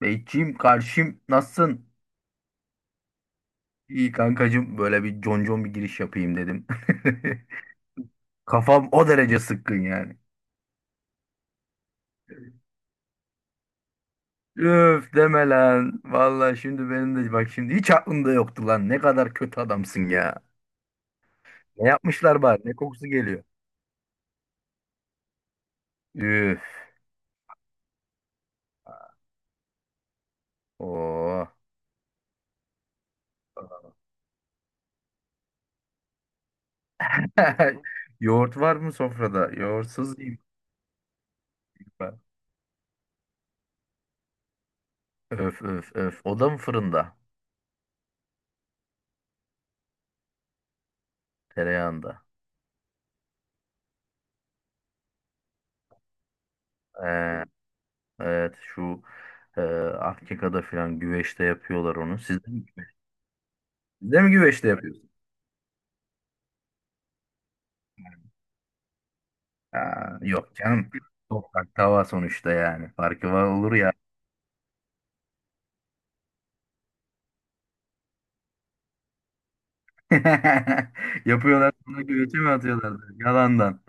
Beyciğim karşım nasılsın? İyi kankacım, böyle bir concon giriş yapayım dedim. Kafam o derece sıkkın yani. Üf deme lan. Vallahi şimdi benim de bak şimdi hiç aklımda yoktu lan. Ne kadar kötü adamsın ya. Ne yapmışlar bari? Ne kokusu geliyor? Üf. Oo. Yoğurt var mı sofrada? Yoğurtsuz yiyeyim ben. Öf öf öf. O da mı fırında? Tereyağında. Ee, evet şu e, Afrika'da filan güveçte yapıyorlar onu. Siz de mi güveçte yapıyorsunuz? Aa, yok canım. Toprak tava sonuçta yani. Farkı var olur ya. Yapıyorlar sonra güveçe mi atıyorlar? Yalandan.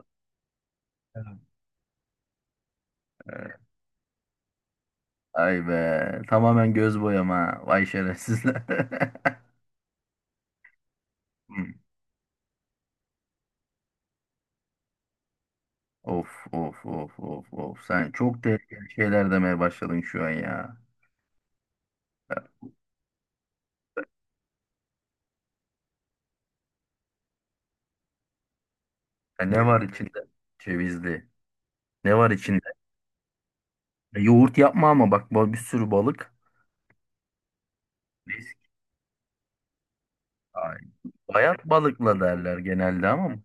Evet. Ay be. Tamamen göz boyama. Vay şerefsizler. Hmm. Of of of of of. Sen çok tehlikeli şeyler demeye başladın şu an ya. Ya ne var içinde? Cevizli. Ne var içinde? Ya yoğurt yapma ama bak bu- bir sürü balık. Risk. Ay. Bayat balıkla derler genelde ama.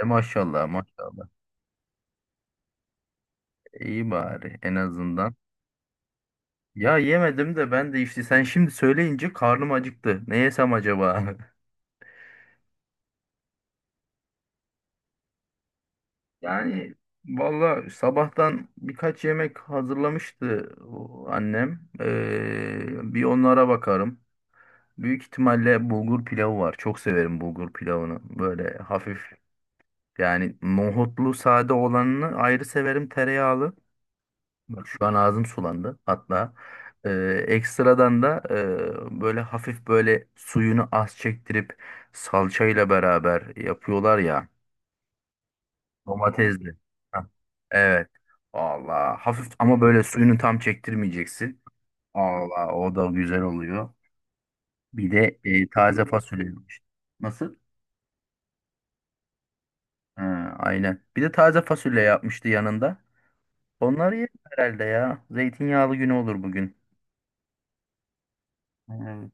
E maşallah maşallah. İyi bari en azından. Ya yemedim de ben de işte sen şimdi söyleyince karnım acıktı. Ne yesem acaba? Yani valla sabahtan birkaç yemek hazırlamıştı o annem. Bir onlara bakarım. Büyük ihtimalle bulgur pilavı var. Çok severim bulgur pilavını. Böyle hafif yani nohutlu sade olanını ayrı severim tereyağlı. Bak şu an ağzım sulandı hatta. Ekstradan da böyle hafif böyle suyunu az çektirip salçayla beraber yapıyorlar ya. Domatesli. Heh, evet. Allah hafif ama böyle suyunu tam çektirmeyeceksin. Allah o da güzel oluyor. Bir de taze fasulye yapmıştı. Nasıl? Ha, aynen. Bir de taze fasulye yapmıştı yanında. Onları yer herhalde ya. Zeytinyağlı günü olur bugün. Evet.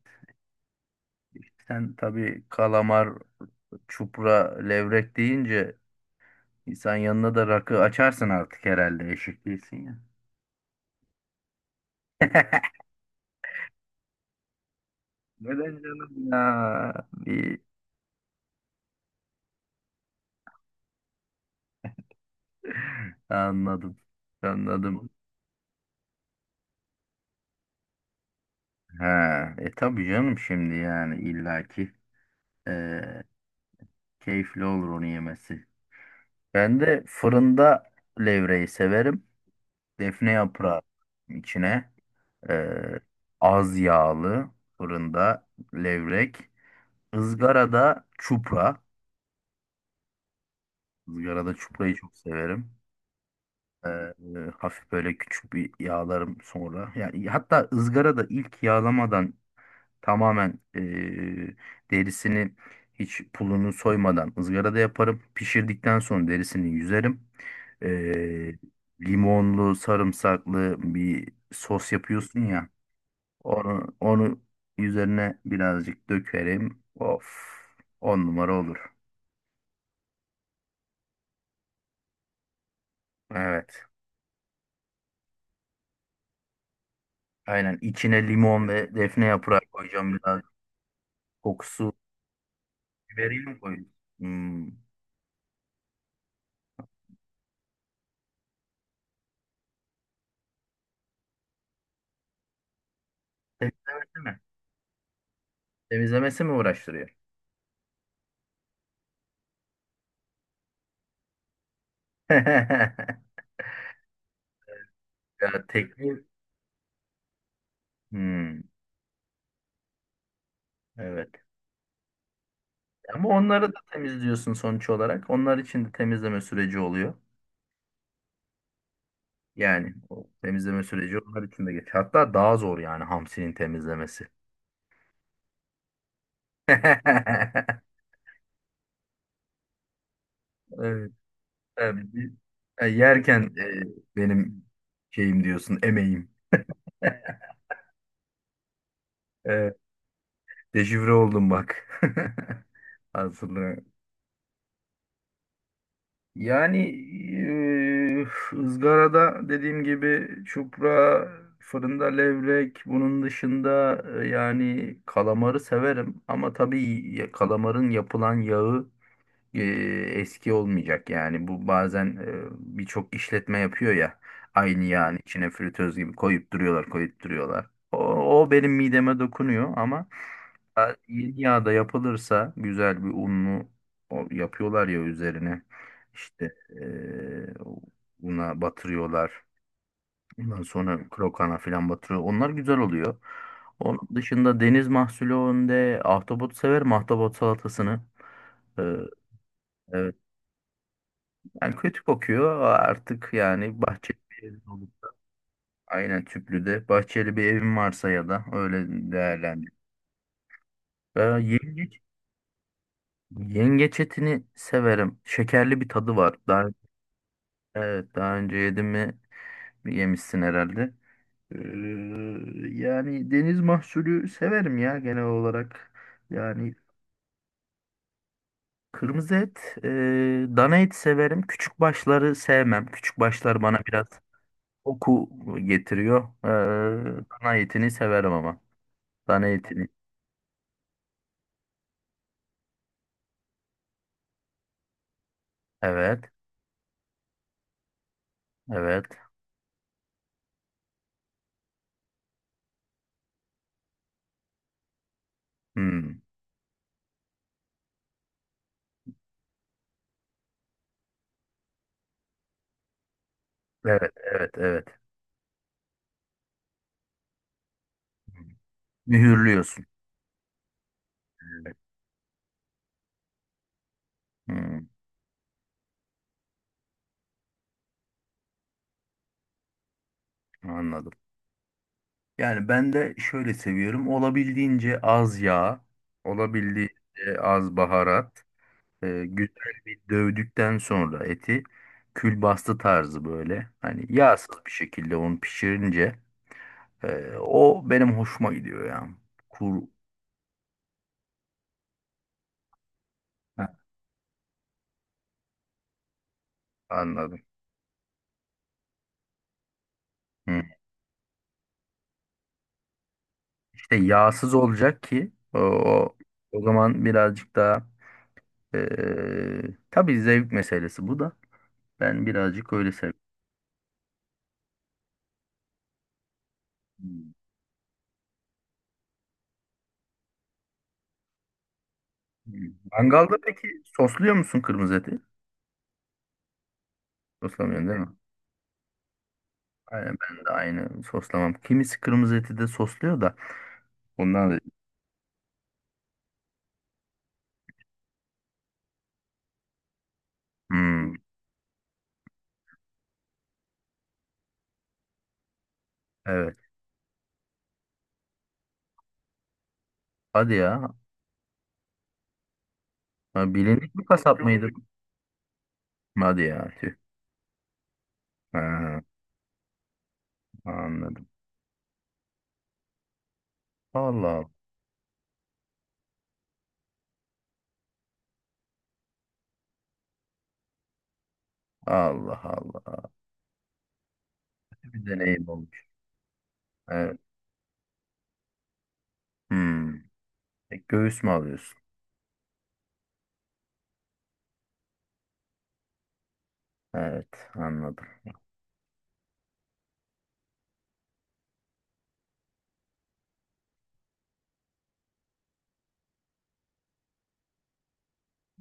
işte sen tabii kalamar, çupra, levrek deyince sen yanına da rakı açarsın artık herhalde eşek değilsin ya. Neden canım ya? Bir... Anladım. Anladım. He, tabii canım şimdi yani illaki e, keyifli olur onu yemesi. Ben de fırında levreyi severim. Defne yaprağı içine e, az yağlı fırında levrek. Izgarada çupra. Izgarada çuprayı çok severim. Hafif böyle küçük bir yağlarım sonra. Yani hatta ızgara da ilk yağlamadan tamamen derisini hiç pulunu soymadan ızgarada yaparım. Pişirdikten sonra derisini yüzerim. Ee, limonlu, sarımsaklı bir sos yapıyorsun ya. Onu üzerine birazcık dökerim. Of, on numara olur. Evet. Aynen içine limon ve defne yaprağı koyacağım biraz. Kokusu. Biberiye mi koyuyorsun? Hmm. Temizlemesi mi? Temizlemesi mi uğraştırıyor? Ya tekniği... Hmm, evet. Ama onları da temizliyorsun sonuç olarak. Onlar için de temizleme süreci oluyor. Yani o temizleme süreci onlar için de geç. Hatta daha zor yani hamsinin temizlemesi. Evet. Tabii. bir- yerken benim şeyim diyorsun, emeğim. E, deşifre oldum bak. Aslında. Yani eee, ızgarada dediğim gibi çupra, fırında levrek, bunun dışında yani kalamarı severim ama tabii ya- kalamarın yapılan yağı e, eski olmayacak. Yani bu bazen birçok işletme yapıyor ya aynı yağın içine fritöz gibi koyup duruyorlar. O, o benim mideme dokunuyor ama ha, İri yağda yapılırsa güzel bir unlu o yapıyorlar ya üzerine işte una batırıyorlar. Ondan sonra krokana falan batırıyor. Onlar güzel oluyor. Onun dışında deniz mahsulü önünde ahtapot severim ahtapot salatasını. Ee, evet. Yani kötü kokuyor artık yani bahçeli bir evin olur. Aynen tüplü de bahçeli bir evin varsa ya da öyle değerlendir. Ee, yengeç Yengeç etini severim. Şekerli bir tadı var. Daha, evet, daha önce yedim mi yemişsin herhalde. Ee, yani deniz mahsulü severim ya genel olarak. Yani kırmızı et, dana et severim. Küçük başları sevmem. Küçük başlar bana biraz koku getiriyor. Dana etini severim ama. Dana etini. Evet, evet. Hmm. Evet, evet, evet. Mühürlüyorsun. Evet. Hmm, anladım. Yani ben de şöyle seviyorum. Olabildiğince az yağ, olabildiğince az baharat, güzel bir dövdükten sonra eti külbastı tarzı böyle. Hani yağsız bir şekilde onu pişirince o benim hoşuma gidiyor yani. Kur, ha, anladım. Hı. İşte yağsız olacak ki o o zaman birazcık daha tabii zevk meselesi bu da. Ben birazcık öyle seviyorum. Hmm. Mangalda peki sosluyor musun kırmızı eti? Soslamıyorsun değil mi? Aynen ben de aynı soslamam. Kimisi kırmızı eti de sosluyor da. Bundan da... Hmm, evet. Hadi ya. Ha, bilindik bir kasap mıydı? Hadi ya. Tüh. Ha, anladım. Allah Allah. Allah bir deneyim olmuş. Evet. Hmm. E, göğüs mü alıyorsun? Evet. Anladım.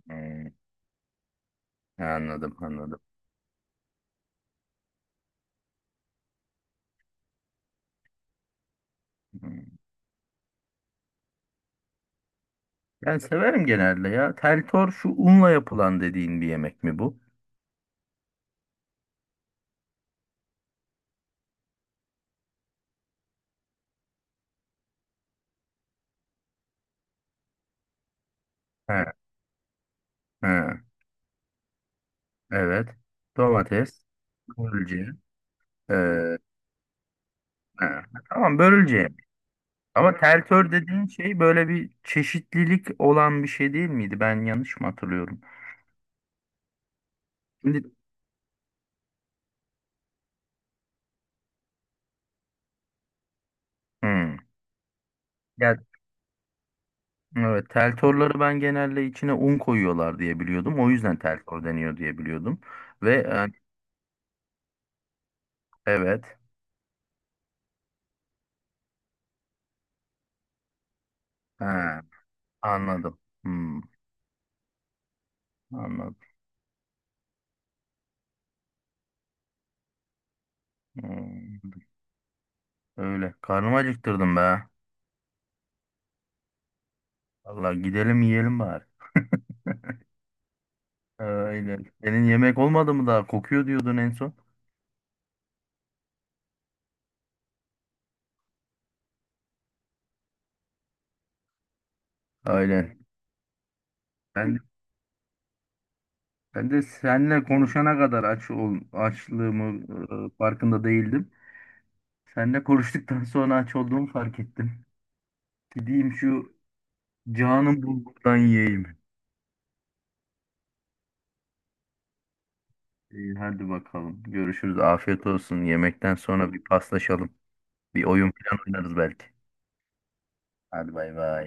Hmm, anladım. Anladım. Hmm. Ben severim genelde ya. Teltor şu unla yapılan dediğin bir yemek mi bu? He, he. Evet. Domates, börülce. Ee, ha, tamam börülce. Ama tentör dediğin şey böyle bir çeşitlilik olan bir şey değil miydi? Ben yanlış mı hatırlıyorum? Şimdi hmm. Ya, evet, teltorları ben genelde içine un koyuyorlar diye biliyordum. O yüzden teltor deniyor diye biliyordum. Ve evet. Ha, anladım. Hmm, anladım. Hmm, öyle. Karnımı acıktırdım be. Vallahi gidelim yiyelim bari. Aynen. Senin yemek olmadı mı daha? Kokuyor diyordun en son. Aynen. Ben, ben de seninle konuşana kadar açlığımı farkında değildim. Seninle konuştuktan sonra aç olduğumu fark ettim. Gideyim şu canım bulgurdan yiyeyim. İyi, hadi bakalım. Görüşürüz. Afiyet olsun. Yemekten sonra bir paslaşalım. Bir oyun falan oynarız belki. Hadi bay bay.